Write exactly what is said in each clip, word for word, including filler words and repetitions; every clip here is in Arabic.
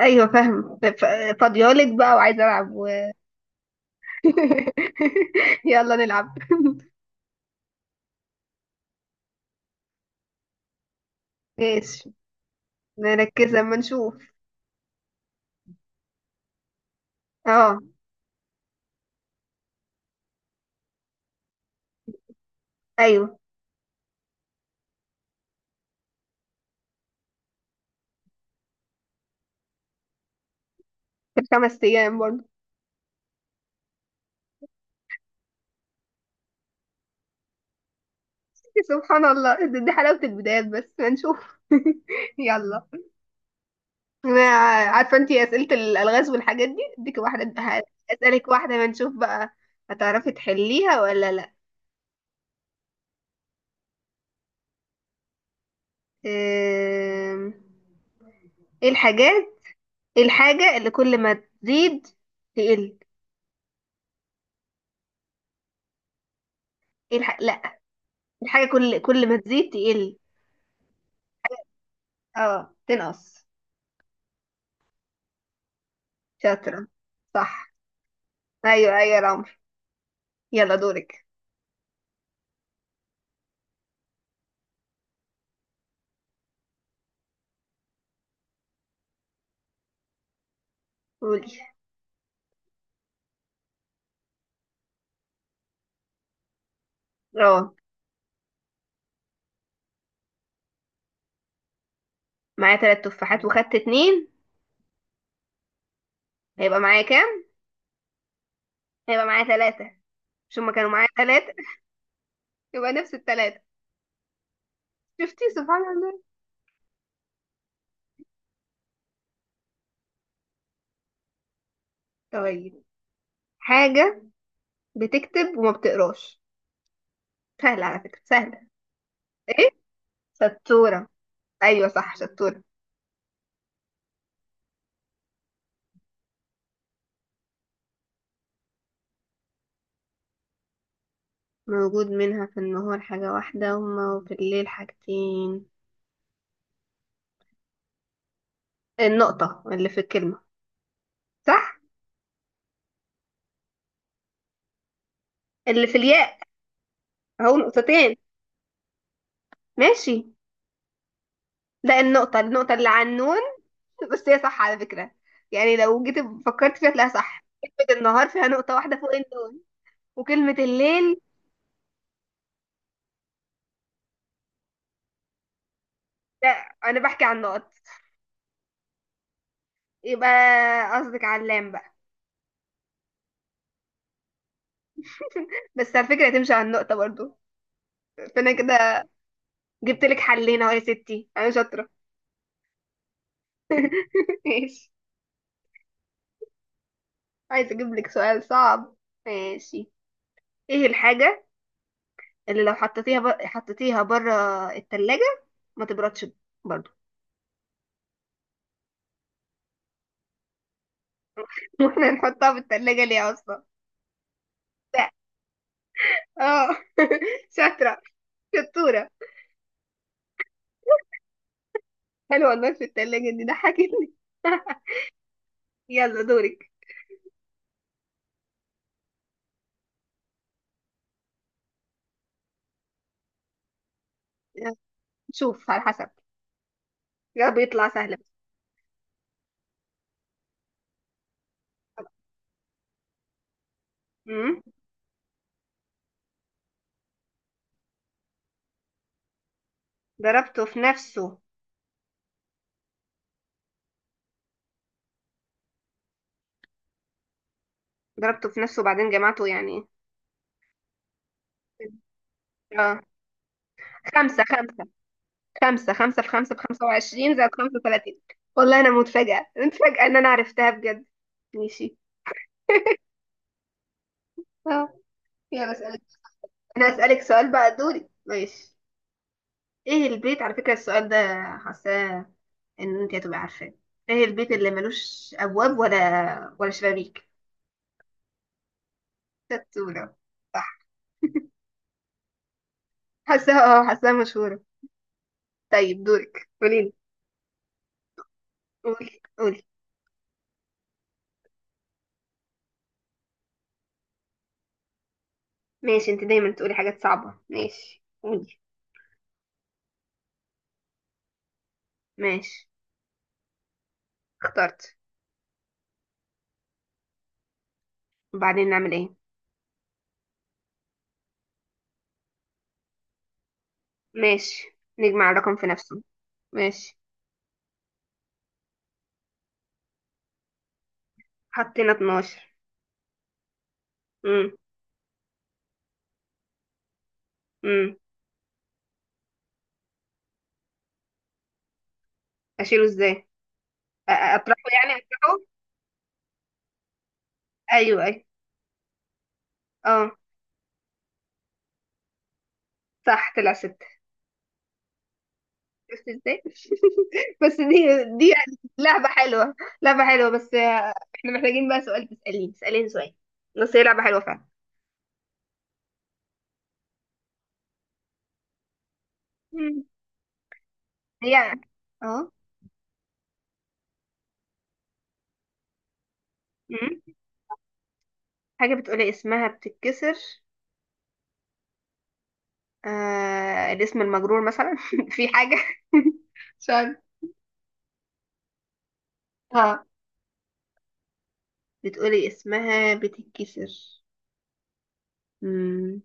ايوه فاهم ف- فاضيالك بقى وعايزه العب و... يلا نلعب. ماشي، نركز لما نشوف. اه، ايوه في الخمس ايام برضه. سبحان الله، دي دي حلاوه البدايات بس هنشوف. يلا. انا عارفه انتي اسئله الالغاز والحاجات دي، اديك واحده ه- اسالك واحده ما نشوف بقى، هتعرفي تحليها ولا لا. أم، ايه الحاجات، ايه الحاجه اللي كل ما تزيد تقل؟ ايه الح... لا، الحاجة كل كل ما تزيد تقل. اه تنقص. شاطرة، صح. ايوه ايوه، يا العمر. يلا دورك. قولي. اه. معايا تلات تفاحات وخدت اتنين، هيبقى معايا كام؟ هيبقى معايا تلاتة. مش هما كانوا معايا تلاتة؟ يبقى نفس التلاتة. شفتي سبحان الله. طيب، حاجة بتكتب وما بتقراش، سهلة على فكرة سهلة. ايه؟ شطورة. ايوه صح، شطورة. موجود منها في النهار حاجة واحدة وما- وفي الليل حاجتين؟ النقطة اللي في الكلمة، صح؟ اللي في الياء. اهو نقطتين. ماشي، لا، النقطة النقطة اللي على النون. بس هي صح على فكرة، يعني لو جيت فكرت فيها تلاقيها صح، كلمة النهار فيها نقطة واحدة فوق النون، وكلمة الليل. لا، أنا بحكي عن نقط. يبقى قصدك على اللام بقى. بس على فكرة تمشي على النقطة برضو، فأنا كده جبت لك حلين أهو يا ستي، أنا شاطرة. ماشي. عايزة أجيب لك سؤال صعب. ماشي، إيه الحاجة اللي لو حطيتيها ب... حطيتيها بره التلاجة ما تبردش برضو؟ واحنا نحطها في التلاجة ليه أصلا؟ لا. اه. شاطرة، شطورة. حلوة الماء في التلاجة دي، ضحكتني. يلا دورك. شوف على حسب، يا رب يطلع سهل. امم. ضربته في نفسه. ضربته في نفسه وبعدين جمعته يعني. ايه. اه. خمسة. خمسة خمسة خمسة في خمسة بخمسة وعشرين زائد خمسة وتلاتين. والله أنا متفاجئة متفاجئة إن أنا عرفتها بجد. ماشي. اه. يلا أسألك. أنا أسألك سؤال بقى، دوري ماشي. إيه البيت، على فكرة السؤال ده حاساه ان انت هتبقي عارفاه، ايه البيت اللي ملوش ابواب ولا ولا شبابيك؟ ستونة. صح. حاساها اه، حاساها مشهورة. طيب دورك، قوليلي. قولي قولي ماشي، انت دايما تقولي حاجات صعبة، ماشي قولي. ماشي، اخترت. وبعدين نعمل ايه؟ ماشي، نجمع الرقم في نفسه. ماشي. حطينا اتناشر. امم. امم. اشيله ازاي؟ أ- أ- اطرحه، يعني اطرحه. ايوه ايوه. اه صح، طلع ستة. شفت ازاي؟ بس دي دي يعني لعبة حلوة. لعبة حلوة، بس آه، احنا محتاجين بقى سؤال، تسأليني تسأليني سؤال. بس هي لعبة حلوة فعلا. مم. هي. اه. مم. حاجة بتقولي اسمها بتتكسر. آه... الاسم المجرور مثلا، في حاجة. مش عارفة. اه، بتقولي اسمها بتتكسر. مم.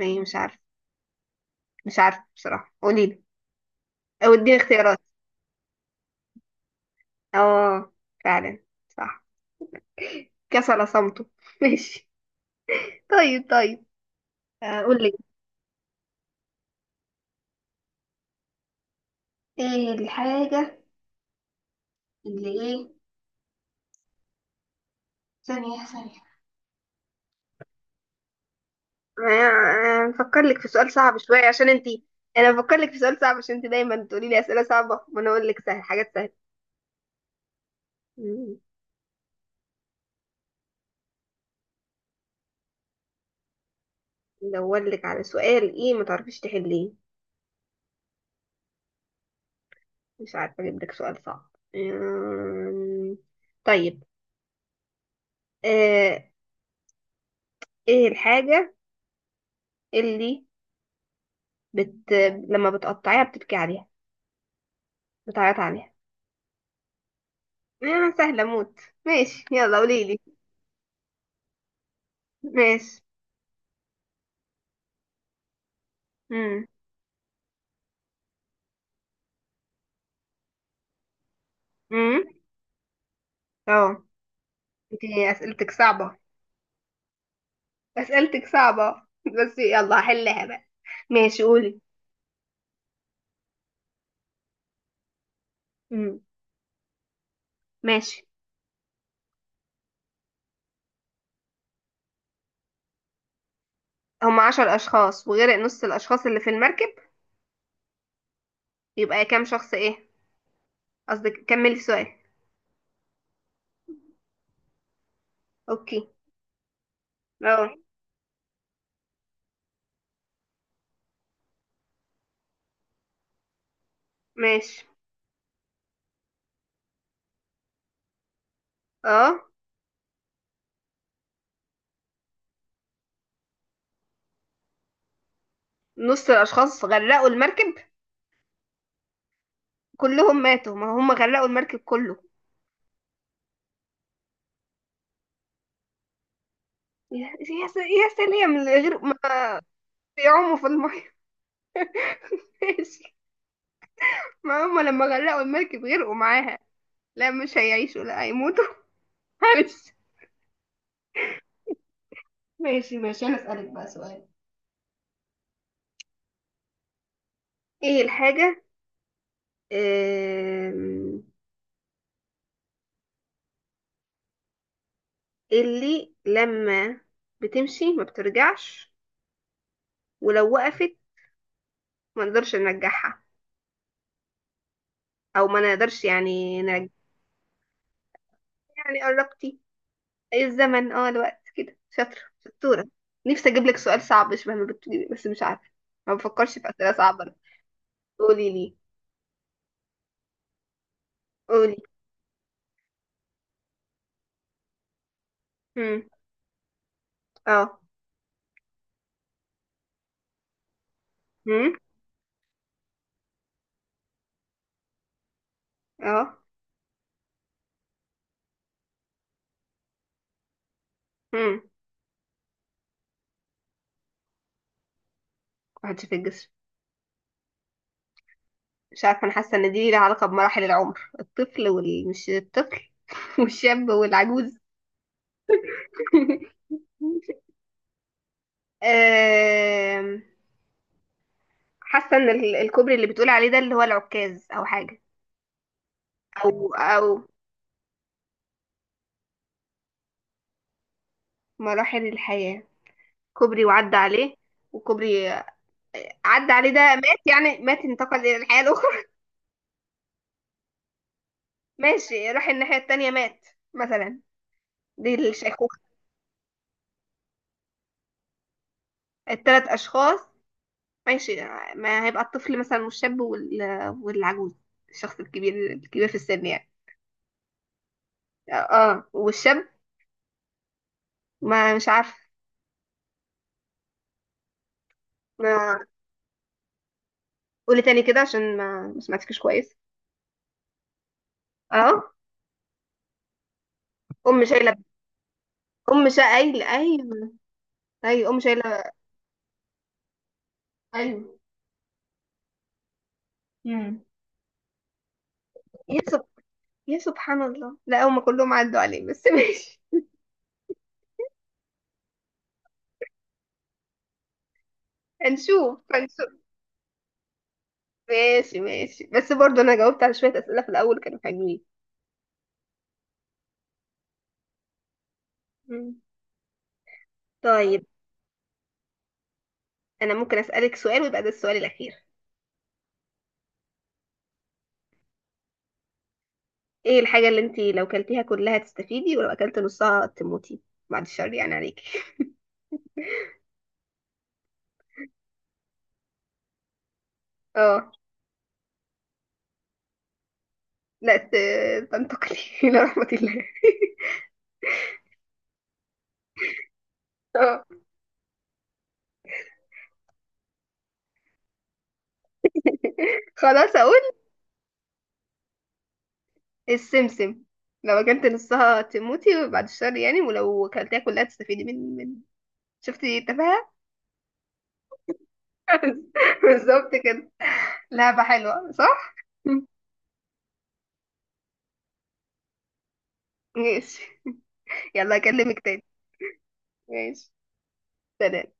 ايه، مش عارفة، مش عارفة بصراحة، قولي لي او اديني اختيارات. اه، فعلا، صح. كسل صمته. ماشي. طيب طيب. آه، قولي. ايه الحاجة اللي ايه، ثانية ثانية، بفكر لك في سؤال صعب شوية عشان انتي. انا بفكر لك في سؤال صعب عشان انتي دايما تقولي لي اسئلة صعبة وانا اقول لك سهل، حاجات سهلة. مم. ندور لك على سؤال ايه ما تعرفيش تحليه، مش عارفة اجيب لك سؤال صعب. مم. طيب. آه، ايه الحاجة اللي بت... لما بتقطعيها بتبكي عليها، بتعيط عليها؟ آه، سهلة موت. ماشي، يلا قولي لي. ماشي. مم. مم. اه انت. اسئلتك صعبة. اسئلتك صعبة. بس يلا، هحلها بقى. ماشي قولي. امم. ماشي. هم عشر اشخاص وغير نص الاشخاص اللي في المركب، يبقى كام شخص، ايه؟ قصدك كملي السؤال. اوكي. اه. ماشي. اه. نص الاشخاص غرقوا المركب، كلهم ماتوا، ما هم غرقوا المركب كله. يا يا س- يا سلام، من غير ما بيعوموا في الميه. ماشي. ما هم لما غرقوا المركب غرقوا معاها، لا مش هيعيشوا، لا هيموتوا. معلش. ماشي ماشي، انا اسالك بقى سؤال. ايه الحاجة، آم، اللي لما بتمشي ما بترجعش، ولو وقفت ما نقدرش نرجعها، او ما نقدرش يعني نرجع؟ يعني قربتي. اي الزمن، اه الوقت كده، شاطرة شطورة. نفسي اجيب لك سؤال صعب شبه ما بتجيبي بس مش عارفة، ما بفكرش في اسئلة صعبة. قولي لي، قولي. هم اه هم اه هم محدش في الجسر. مش عارفة، أنا حاسة إن دي ليها علاقة بمراحل العمر، الطفل وال مش الطفل والشاب والعجوز. آم، حاسة إن ال- الكوبري اللي بتقول عليه ده اللي هو العكاز أو حاجة. أو أو مراحل الحياة. كوبري وعدى عليه، وكوبري عدى عليه ده مات، يعني مات انتقل إلى الحياة الأخرى. ماشي، راح الناحية التانية مات مثلا، دي الشيخوخة. التلات أشخاص، ماشي، ما هيبقى الطفل مثلا والشاب وال- والعجوز، الشخص الكبير الكبير في السن يعني. اه، والشاب، ما مش عارفه. ما. قولي تاني كده عشان ما ما سمعتكش كويس. اه، ام شايله، ام شا اي ايوه ايوه، ام شايله، ايوه، امم. يا سب... يا سبحان الله، لا هم كلهم عدوا عليه بس. ماشي. هنشوف هنشوف. ماشي ماشي، بس برضه انا جاوبت على شويه اسئله في الاول كانوا حلوين. مم. طيب، انا ممكن اسالك سؤال ويبقى ده السؤال الاخير. ايه الحاجة اللي انتي لو كلتيها كلها تستفيدي ولو اكلت نصها تموتي، بعد الشر يعني عليكي؟ اه، لا ت- تنتقلي الى رحمة الله. اه. خلاص اقول؟ السمسم، لو اكلت نصها تموتي بعد الشر يعني، ولو كلتيها كلها تستفيدي من من. شفتي التفاهة. بالظبط كده. لعبة حلوة صح؟ ماشي. يلا اكلمك تاني. ماشي، سلام.